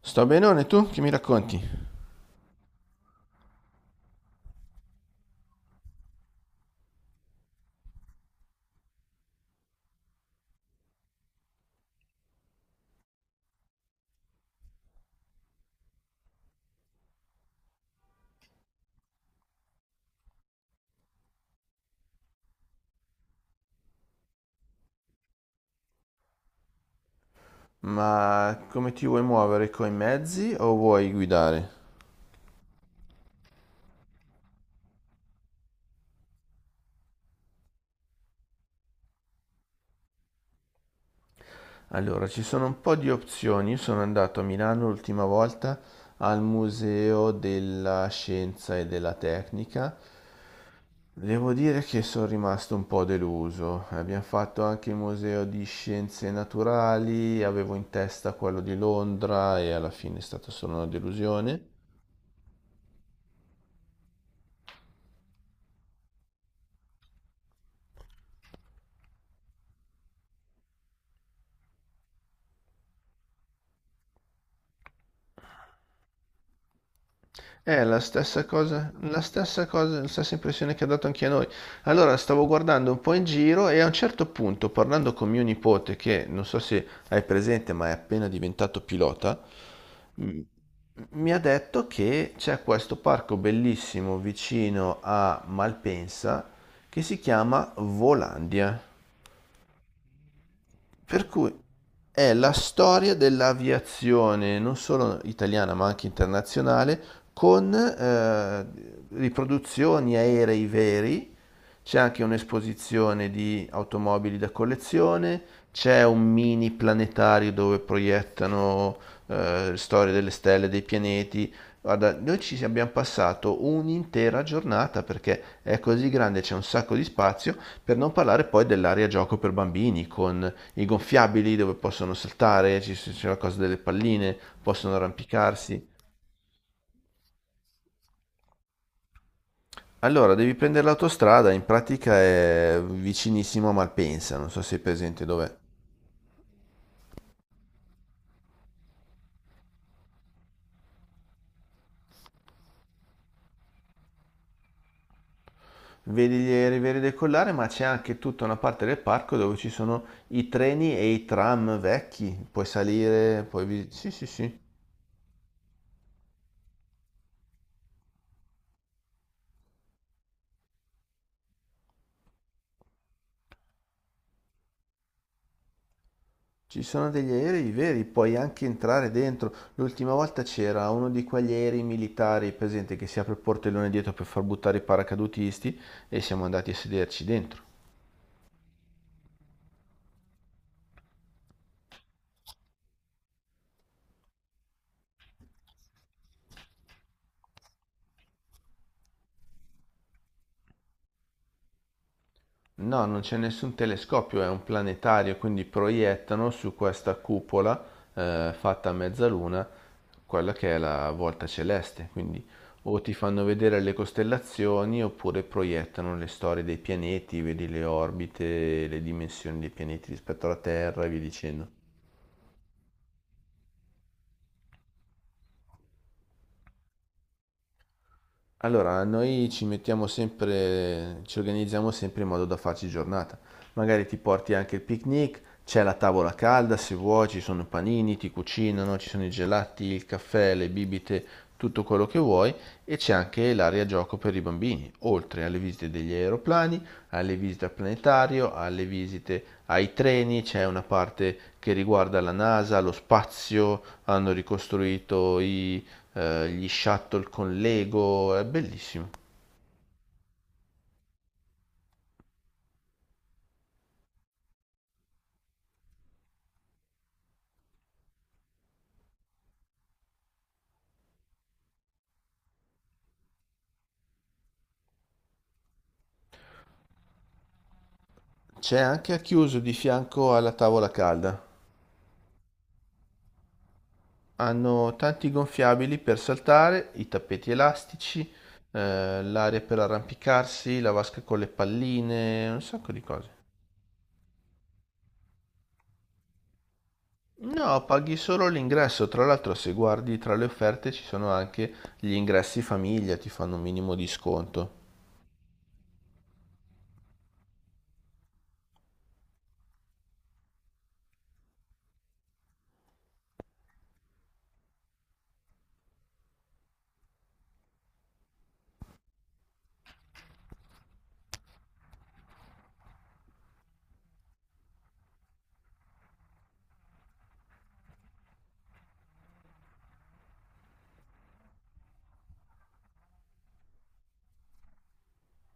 Sto benone tu? Che mi racconti? Ma come ti vuoi muovere coi mezzi o vuoi guidare? Allora, ci sono un po' di opzioni. Io sono andato a Milano l'ultima volta al Museo della Scienza e della Tecnica. Devo dire che sono rimasto un po' deluso. Abbiamo fatto anche il Museo di Scienze Naturali, avevo in testa quello di Londra e alla fine è stata solo una delusione. È la stessa cosa, la stessa cosa, la stessa impressione che ha dato anche a noi. Allora stavo guardando un po' in giro e a un certo punto, parlando con mio nipote, che non so se hai presente, ma è appena diventato pilota, m- mi ha detto che c'è questo parco bellissimo vicino a Malpensa che si chiama Volandia. Per cui è la storia dell'aviazione, non solo italiana ma anche internazionale, con riproduzioni aerei veri, c'è anche un'esposizione di automobili da collezione, c'è un mini planetario dove proiettano storie delle stelle, dei pianeti. Guarda, noi ci abbiamo passato un'intera giornata perché è così grande, c'è un sacco di spazio, per non parlare poi dell'area gioco per bambini con i gonfiabili dove possono saltare, c'è la cosa delle palline, possono arrampicarsi. Allora, devi prendere l'autostrada, in pratica è vicinissimo a Malpensa, non so se è presente dov'è. Vedi gli aerei decollare, ma c'è anche tutta una parte del parco dove ci sono i treni e i tram vecchi. Puoi salire, puoi... vi- sì, sì, sì. Ci sono degli aerei veri, puoi anche entrare dentro. L'ultima volta c'era uno di quegli aerei militari, presente, che si apre il portellone dietro per far buttare i paracadutisti e siamo andati a sederci dentro. No, non c'è nessun telescopio, è un planetario, quindi proiettano su questa cupola fatta a mezzaluna quella che è la volta celeste, quindi o ti fanno vedere le costellazioni oppure proiettano le storie dei pianeti, vedi le orbite, le dimensioni dei pianeti rispetto alla Terra e via dicendo. Allora, noi ci mettiamo sempre, ci organizziamo sempre in modo da farci giornata. Magari ti porti anche il picnic, c'è la tavola calda se vuoi, ci sono i panini, ti cucinano, ci sono i gelati, il caffè, le bibite, tutto quello che vuoi e c'è anche l'area gioco per i bambini, oltre alle visite degli aeroplani, alle visite al planetario, alle visite ai treni, c'è una parte che riguarda la NASA, lo spazio, hanno ricostruito i gli shuttle con Lego, è bellissimo. C'è anche a chiuso di fianco alla tavola calda. Hanno tanti gonfiabili per saltare, i tappeti elastici, l'area per arrampicarsi, la vasca con le palline, un sacco di cose. No, paghi solo l'ingresso. Tra l'altro, se guardi tra le offerte ci sono anche gli ingressi famiglia, ti fanno un minimo di sconto.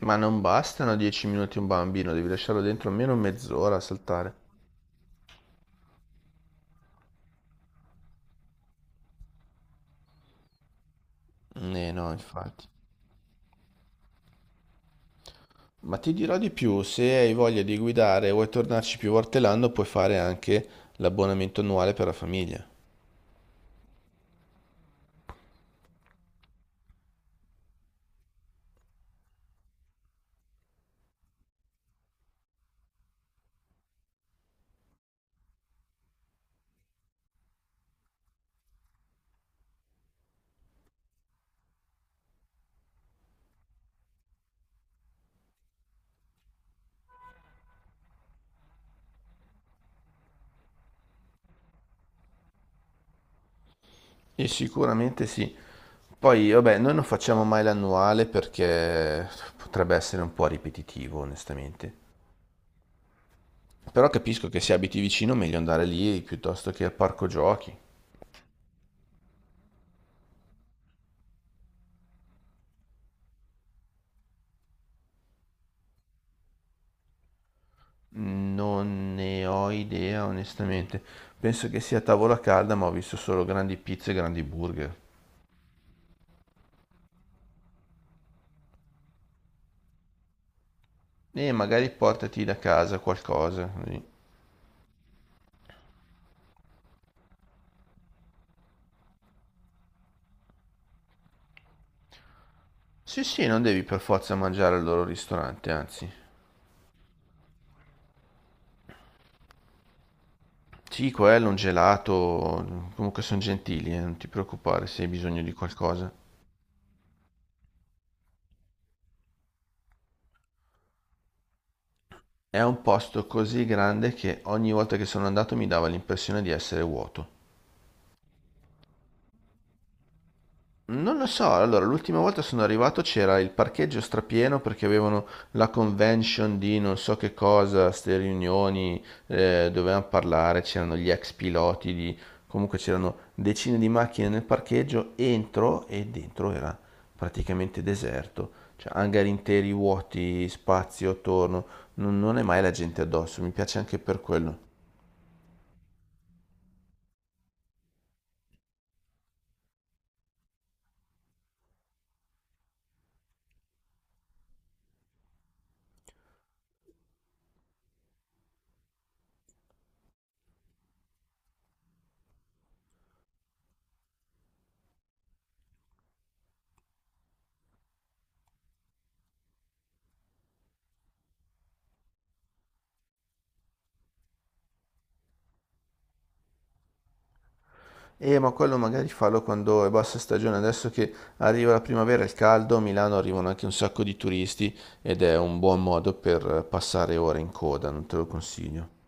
Ma non bastano 10 minuti un bambino, devi lasciarlo dentro almeno mezz'ora a saltare. Eh no, infatti. Ma ti dirò di più, se hai voglia di guidare e vuoi tornarci più volte l'anno, puoi fare anche l'abbonamento annuale per la famiglia. E sicuramente sì. Poi, vabbè, noi non facciamo mai l'annuale perché potrebbe essere un po' ripetitivo, onestamente. Però capisco che se abiti vicino, meglio andare lì piuttosto che al parco giochi. Non ne ho idea, onestamente. Penso che sia tavola calda, ma ho visto solo grandi pizze e grandi burger. E magari portati da casa qualcosa, così. Sì, sì, non devi per forza mangiare al loro ristorante, anzi. Sì, quello, un gelato, comunque sono gentili, non ti preoccupare se hai bisogno di qualcosa. È un posto così grande che ogni volta che sono andato mi dava l'impressione di essere vuoto. Non lo so, allora l'ultima volta sono arrivato c'era il parcheggio strapieno perché avevano la convention di non so che cosa, ste riunioni, dovevano parlare, c'erano gli ex piloti, di... comunque c'erano decine di macchine nel parcheggio, entro e dentro era praticamente deserto, cioè hangar interi vuoti, spazio attorno, non è mai la gente addosso, mi piace anche per quello. Ma quello magari fallo quando è bassa stagione, adesso che arriva la primavera e il caldo, a Milano arrivano anche un sacco di turisti ed è un buon modo per passare ore in coda, non te lo consiglio.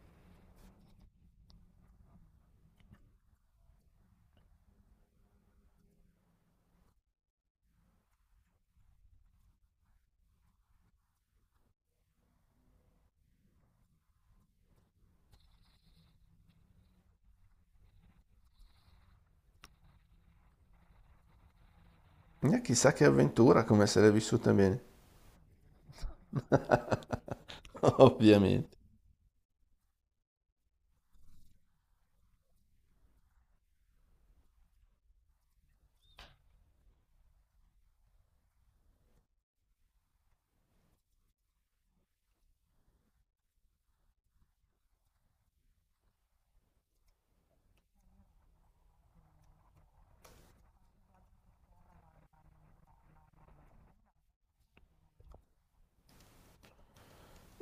E chissà che avventura, come se l'è vissuta bene. Ovviamente.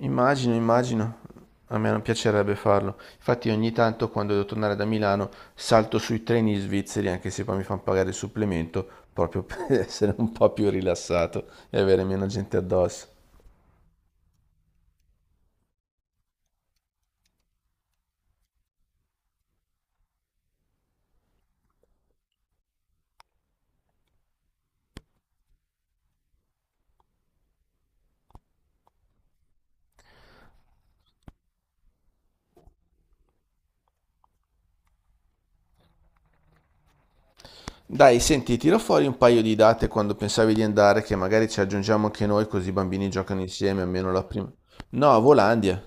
Immagino, immagino. A me non piacerebbe farlo. Infatti ogni tanto quando devo tornare da Milano salto sui treni svizzeri, anche se poi mi fanno pagare il supplemento, proprio per essere un po' più rilassato e avere meno gente addosso. Dai, senti, tiro fuori un paio di date quando pensavi di andare, che magari ci aggiungiamo anche noi, così i bambini giocano insieme, almeno la prima. No, a Volandia.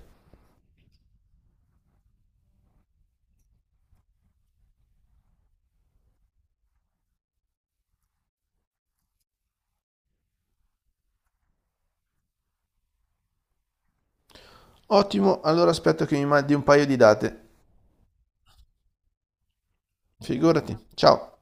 Ottimo, allora aspetto che mi mandi un paio di date. Figurati. Ciao.